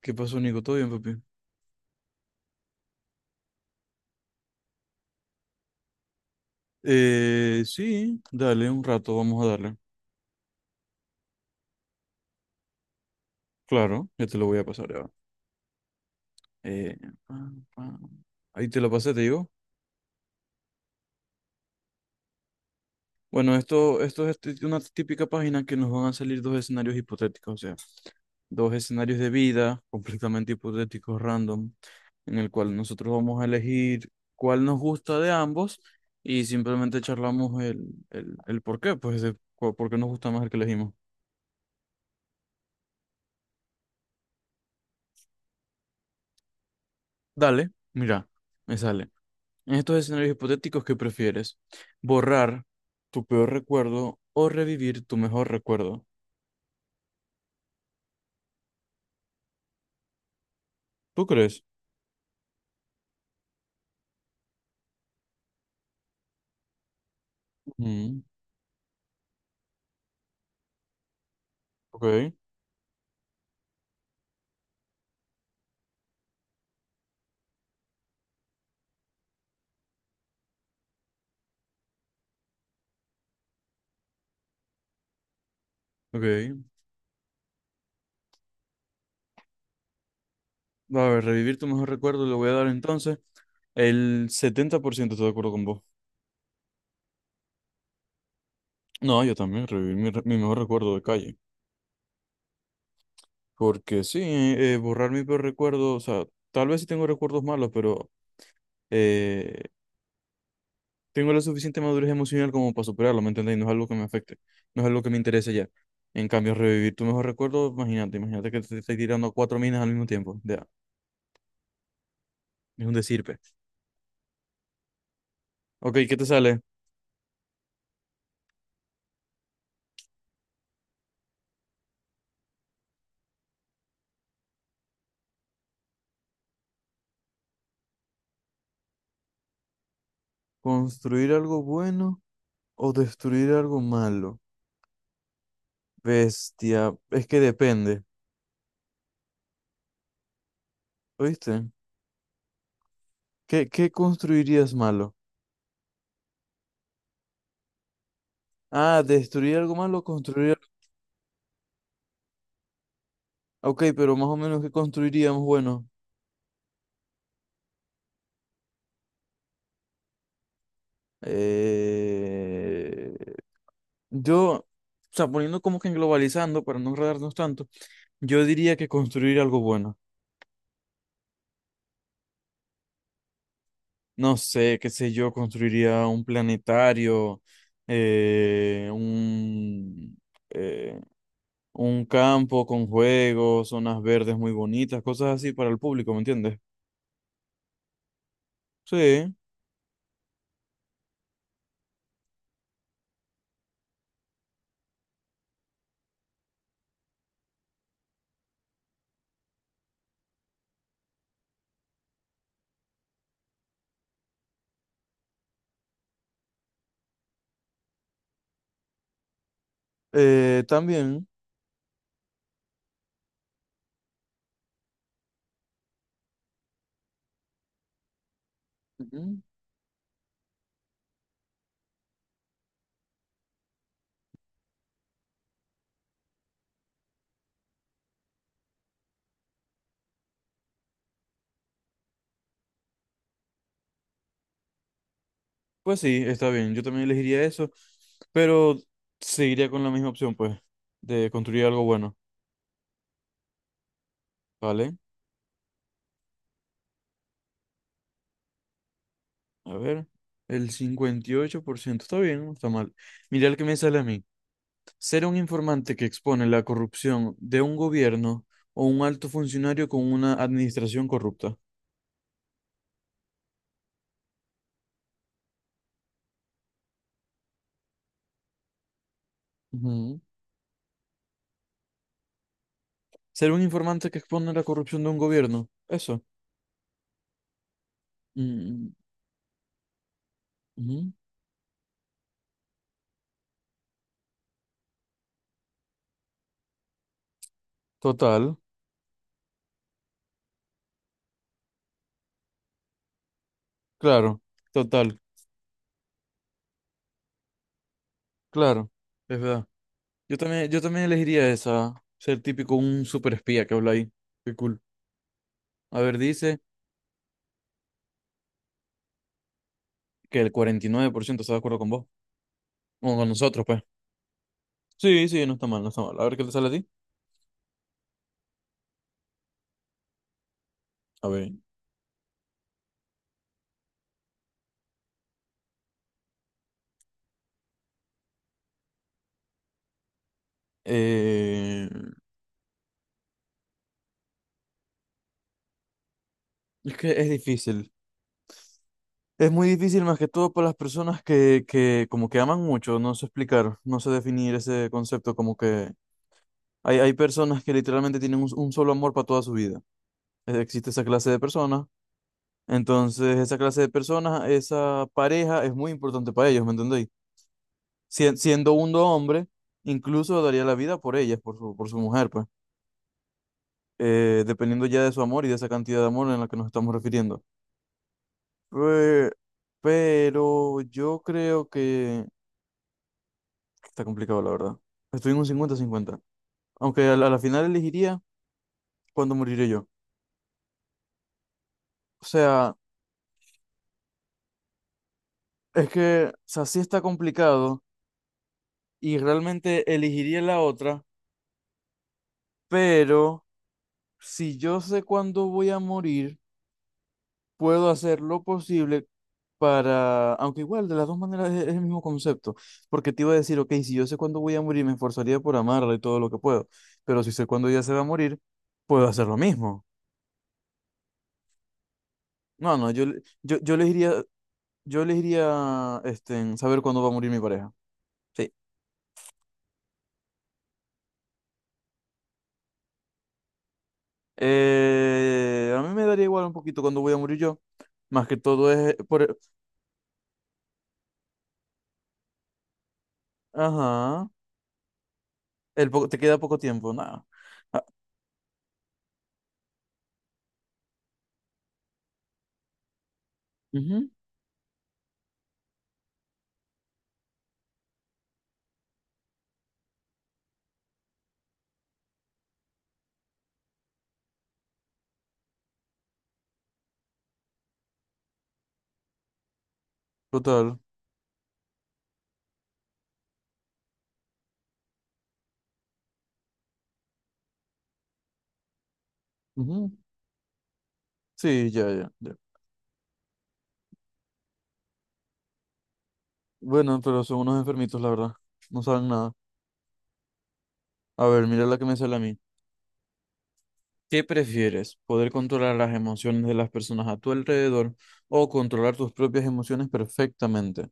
¿Qué pasó, Nico? ¿Todo bien, papi? Sí, dale, un rato, vamos a darle. Claro, ya te lo voy a pasar, ya va. Eh, Pam, pam. Ahí te lo pasé, te digo. Bueno, esto es una típica página que nos van a salir dos escenarios hipotéticos, o sea, dos escenarios de vida completamente hipotéticos, random, en el cual nosotros vamos a elegir cuál nos gusta de ambos y simplemente charlamos el por qué, pues, por qué nos gusta más el que elegimos. Dale, mira, me sale. En estos escenarios hipotéticos, ¿qué prefieres? ¿Borrar tu peor recuerdo o revivir tu mejor recuerdo? ¿Tú crees? Mm, ok, ok. A ver, revivir tu mejor recuerdo le voy a dar entonces. El 70% estoy de acuerdo con vos. No, yo también, revivir mi mejor recuerdo de calle. Porque sí, borrar mi peor recuerdo, o sea, tal vez sí tengo recuerdos malos, pero eh, tengo la suficiente madurez emocional como para superarlo, ¿me entendéis? No es algo que me afecte, no es algo que me interese ya. En cambio, revivir tu mejor recuerdo, imagínate, imagínate que te estés tirando cuatro minas al mismo tiempo. Ya, es un decirpe. Ok, ¿qué te sale? ¿Construir algo bueno o destruir algo malo? Bestia, es que depende, ¿oíste? ¿Qué, qué construirías malo? Ah, destruir algo malo, construir... Ok, pero más o menos, ¿qué construiríamos bueno? Eh, yo, o sea, poniendo como que en globalizando, para no enredarnos tanto, yo diría que construir algo bueno. No sé, qué sé yo, construiría un planetario, eh, un, eh, un campo con juegos, zonas verdes muy bonitas, cosas así para el público, ¿me entiendes? Sí, también. Ujú. Pues sí, está bien, yo también elegiría eso, pero seguiría con la misma opción, pues, de construir algo bueno, ¿vale? A ver, el 58% está bien, no está mal. Mira el que me sale a mí. Ser un informante que expone la corrupción de un gobierno o un alto funcionario con una administración corrupta. Ujú. Ser un informante que expone la corrupción de un gobierno, eso. Mm, ujú. Total, claro, total, claro, es verdad. Yo también elegiría esa, ser típico un super espía que habla ahí. Qué cool. A ver, dice que el 49% está de acuerdo con vos. O con nosotros, pues. Sí, sí, no está mal, no está mal. A ver qué te sale a ti. A ver. Eh, es que es difícil. Es muy difícil más que todo para las personas que como que aman mucho, no sé explicar, no sé definir ese concepto, como que hay personas que literalmente tienen un solo amor para toda su vida. Existe esa clase de personas. Entonces, esa clase de personas, esa pareja es muy importante para ellos, ¿me entendéis? Siendo uno hombre, incluso daría la vida por ellas, por su mujer, pues, dependiendo ya de su amor y de esa cantidad de amor en la que nos estamos refiriendo. Pe- pero yo creo que está complicado, la verdad. Estoy en un cincuenta cincuenta. Aunque a la final elegiría cuando moriré yo. O sea, es que, o sea, sí está complicado y realmente elegiría la otra, pero... si yo sé cuándo voy a morir, puedo hacer lo posible para, aunque igual de las dos maneras es el mismo concepto, porque te iba a decir, ok, si yo sé cuándo voy a morir, me esforzaría por amarla y todo lo que puedo, pero si sé cuándo ella se va a morir, puedo hacer lo mismo. No, no, yo les iría, en saber cuándo va a morir mi pareja. Sí. A mí me daría igual un poquito cuándo voy a morir yo, más que todo es por, ajá, poco te queda poco tiempo, nada. Ah, ujú, total. Ujú. Sí, ya, ya, ya. Bueno, pero son unos enfermitos, la verdad. No saben nada. A ver, mira la que me sale a mí. ¿Qué prefieres? ¿Poder controlar las emociones de las personas a tu alrededor o controlar tus propias emociones perfectamente?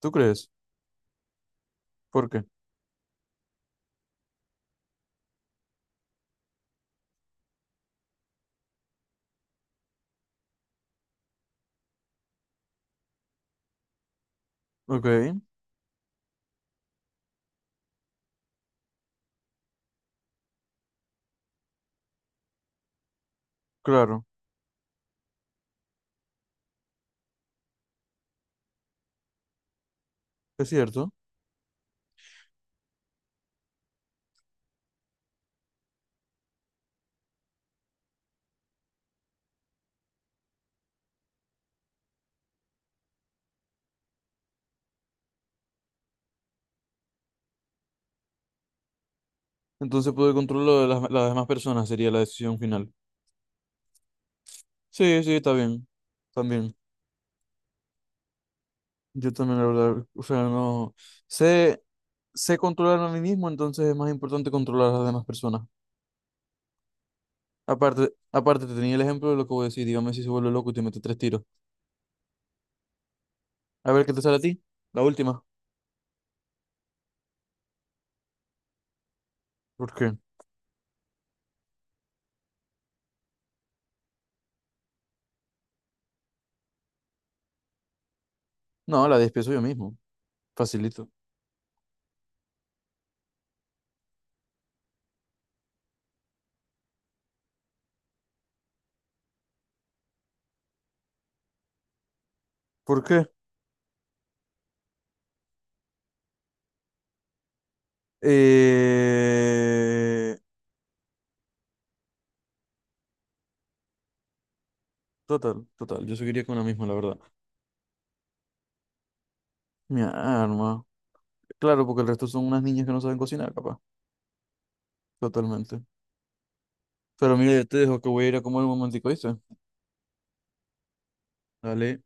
¿Tú crees? ¿Por qué? Ok, claro, es cierto. Entonces poder controlar de las demás personas sería la decisión final. Sí, sí, está bien. También. Yo también, la verdad. O sea, no. Sé, sé controlar a mí mismo, entonces es más importante controlar a las demás personas. Aparte, aparte, te tenía el ejemplo de lo que voy a decir. Dígame si se vuelve loco y te mete tres tiros. A ver qué te sale a ti. La última. ¿Por qué? No, la despiezo yo mismo. Facilito. ¿Por qué? Eh... Total, total. Yo seguiría con la misma, la verdad. Mi arma. Claro, porque el resto son unas niñas que no saben cocinar, capaz. Totalmente. Pero mira, yo te dejo que voy a ir a comer un momentico, ¿viste? Dale.